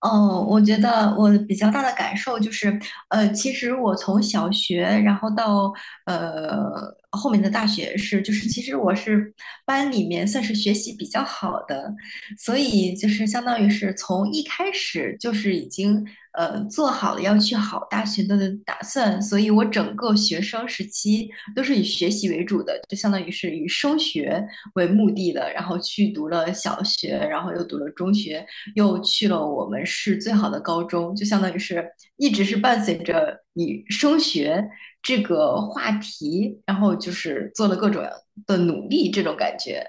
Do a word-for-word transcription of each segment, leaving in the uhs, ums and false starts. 哦，我觉得我比较大的感受就是，呃，其实我从小学，然后到呃后面的大学是，就是其实我是班里面算是学习比较好的，所以就是相当于是从一开始就是已经呃做好了要去好大学的打算，所以我整个学生时期都是以学习为主的，就相当于是以升学为目的的，然后去读了小学，然后又读了中学。又去了我们市最好的高中，就相当于是一直是伴随着你升学这个话题，然后就是做了各种的努力，这种感觉。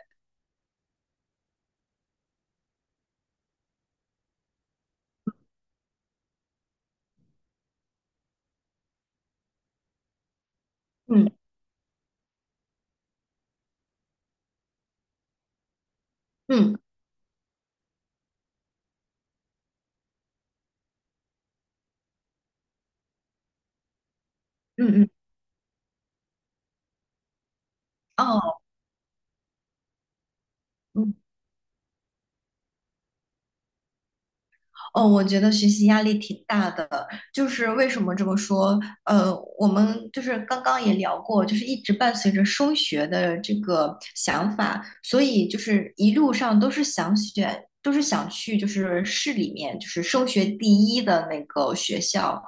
嗯嗯嗯嗯，哦，嗯。哦，我觉得学习压力挺大的，就是为什么这么说？呃，我们就是刚刚也聊过，就是一直伴随着升学的这个想法，所以就是一路上都是想选，都是想去就是市里面就是升学第一的那个学校，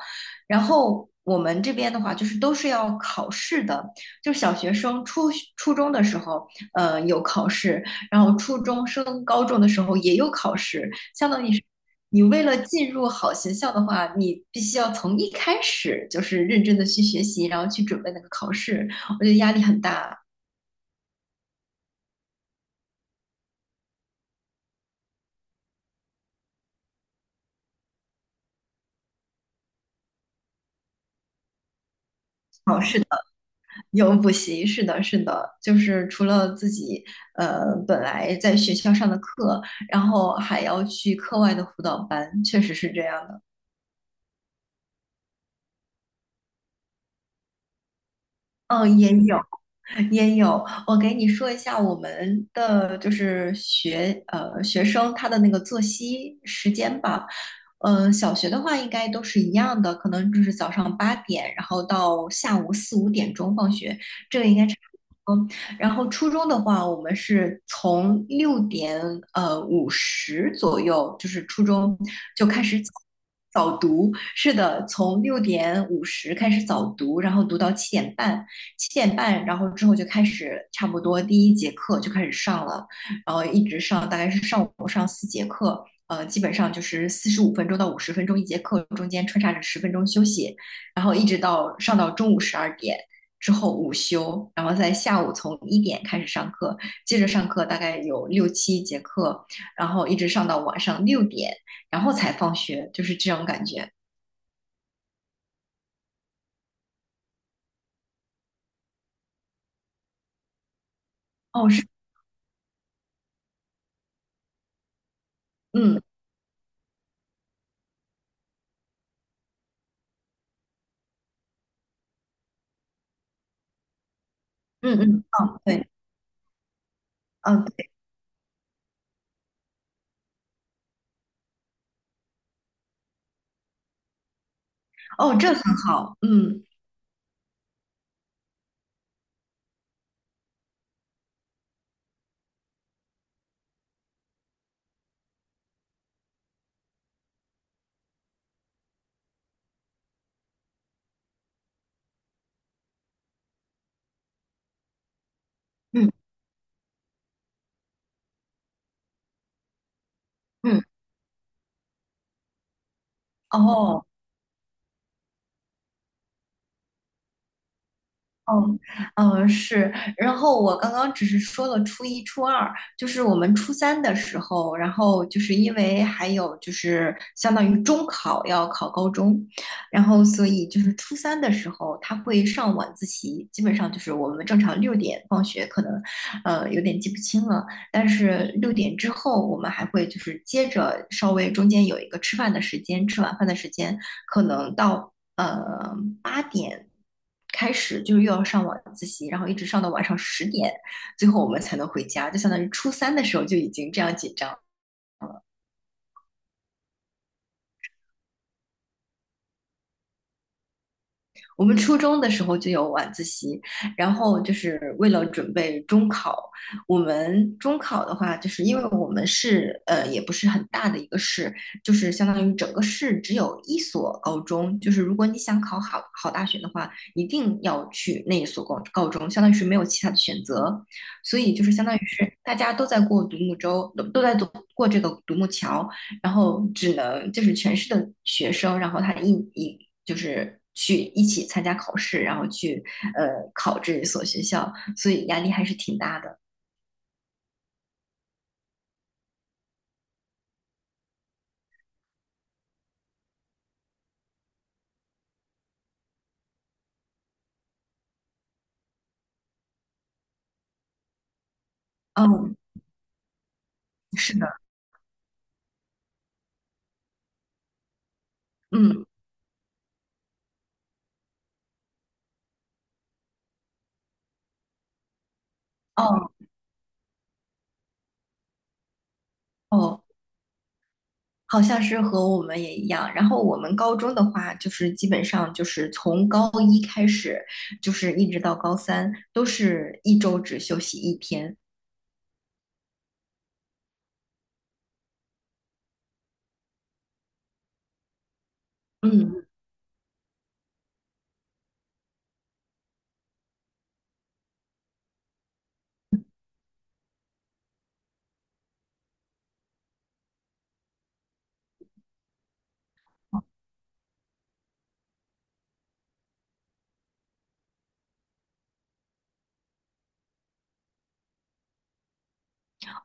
然后。我们这边的话，就是都是要考试的，就小学生初初中的时候，呃，有考试，然后初中升高中的时候也有考试，相当于是你为了进入好学校的话，你必须要从一开始就是认真的去学习，然后去准备那个考试。我觉得压力很大。有补习，是的，是的，就是除了自己呃本来在学校上的课，然后还要去课外的辅导班，确实是这样的。嗯，也有，也有，我给你说一下我们的就是学呃学生他的那个作息时间吧。呃，小学的话应该都是一样的，可能就是早上八点，然后到下午四五点钟放学，这个应该差不多。然后初中的话，我们是从六点呃五十左右，就是初中就开始早早读，是的，从六点五十开始早读，然后读到七点半。七点半，然后之后就开始差不多第一节课就开始上了，然后一直上，大概是上午上四节课，呃，基本上就是四十五分钟到五十分钟一节课，中间穿插着十分钟休息，然后一直到上到中午十二点。之后午休，然后在下午从一点开始上课，接着上课大概有六七节课，然后一直上到晚上六点，然后才放学，就是这种感觉。哦，是，嗯嗯嗯，哦，对，嗯，对，哦，这很好，嗯。嗯嗯，哦哦，嗯是，然后我刚刚只是说了初一、初二，就是我们初三的时候，然后就是因为还有就是相当于中考要考高中，然后所以就是初三的时候他会上晚自习，基本上就是我们正常六点放学，可能呃有点记不清了，但是六点之后我们还会就是接着稍微中间有一个吃饭的时间，吃晚饭的时间，可能到呃八点开始，就是又要上晚自习，然后一直上到晚上十点，最后我们才能回家，就相当于初三的时候就已经这样紧张。我们初中的时候就有晚自习，然后就是为了准备中考。我们中考的话，就是因为我们市呃也不是很大的一个市，就是相当于整个市只有一所高中。就是如果你想考好好大学的话，一定要去那一所高高中，相当于是没有其他的选择。所以就是相当于是大家都在过独木舟，都在走过这个独木桥，然后只能就是全市的学生，然后他一一就是去一起参加考试，然后去呃考这一所学校，所以压力还是挺大的。嗯，是的，嗯，哦哦，好像是和我们也一样。然后我们高中的话，就是基本上就是从高一开始，就是一直到高三，都是一周只休息一天。嗯，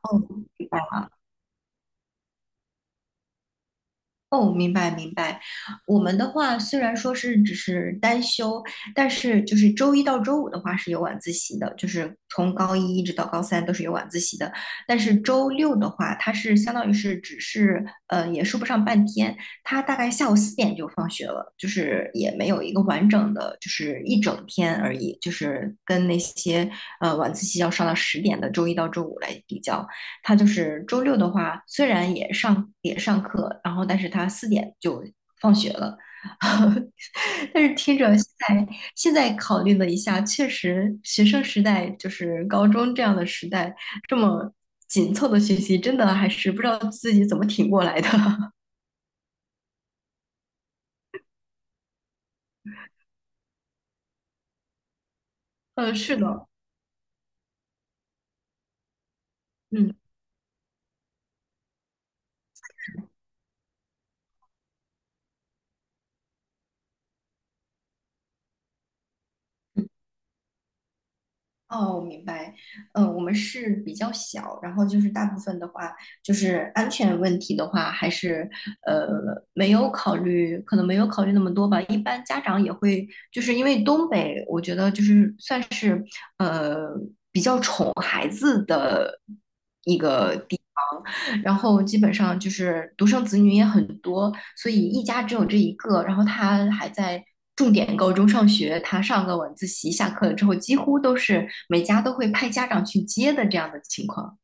哦，明白。哦，明白明白。我们的话虽然说是只是单休，但是就是周一到周五的话是有晚自习的，就是从高一一直到高三都是有晚自习的。但是周六的话，它是相当于是只是呃也说不上半天，它大概下午四点就放学了，就是也没有一个完整的就是一整天而已，就是跟那些呃晚自习要上到十点的周一到周五来比较。他就是周六的话，虽然也上也上课，然后但是他四点就放学了。但是听着现在现在考虑了一下，确实学生时代就是高中这样的时代，这么紧凑的学习，真的还是不知道自己怎么挺过来的。嗯，是的，嗯。哦，明白。嗯、呃，我们是比较小，然后就是大部分的话，就是安全问题的话，还是呃没有考虑，可能没有考虑那么多吧。一般家长也会，就是因为东北，我觉得就是算是呃比较宠孩子的。然后基本上就是独生子女也很多，所以一家只有这一个。然后他还在重点高中上学，他上个晚自习，下课了之后，几乎都是每家都会派家长去接的这样的情况。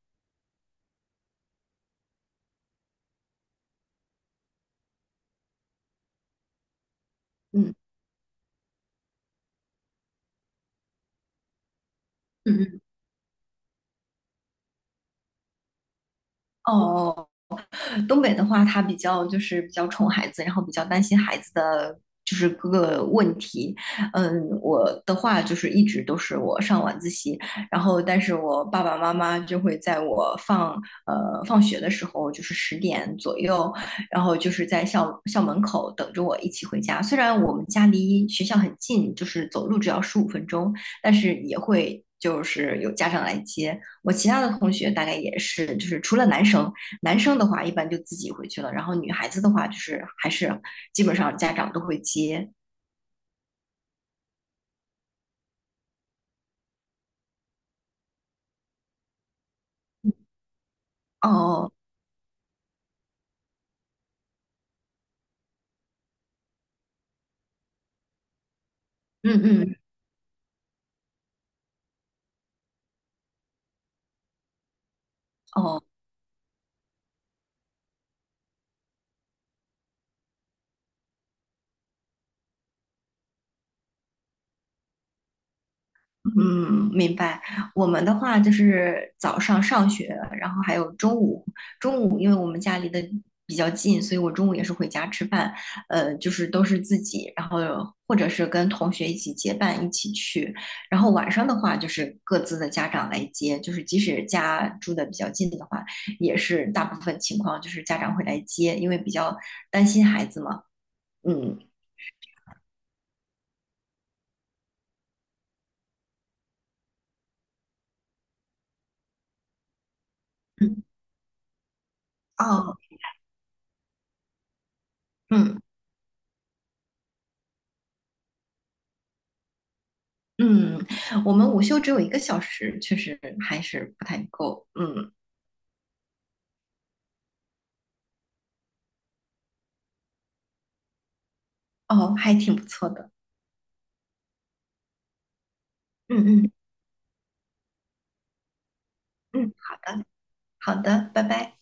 嗯嗯嗯，哦哦。东北的话，他比较就是比较宠孩子，然后比较担心孩子的就是各个问题。嗯，我的话就是一直都是我上晚自习，然后但是我爸爸妈妈就会在我放呃放学的时候，就是十点左右，然后就是在校校门口等着我一起回家。虽然我们家离学校很近，就是走路只要十五分钟，但是也会。就是有家长来接我，其他的同学大概也是，就是除了男生，男生的话一般就自己回去了，然后女孩子的话就是还是基本上家长都会接。哦，嗯嗯，哦，嗯，明白。我们的话就是早上上学，然后还有中午。中午因为我们家离得比较近，所以我中午也是回家吃饭。呃，就是都是自己，然后或者是跟同学一起结伴一起去。然后晚上的话，就是各自的家长来接，就是即使家住的比较近的话，也是大部分情况就是家长会来接，因为比较担心孩子嘛。嗯，嗯哦，嗯。嗯，我们午休只有一个小时，确实还是不太够。嗯，哦，还挺不错的。嗯嗯嗯，好的好的，拜拜。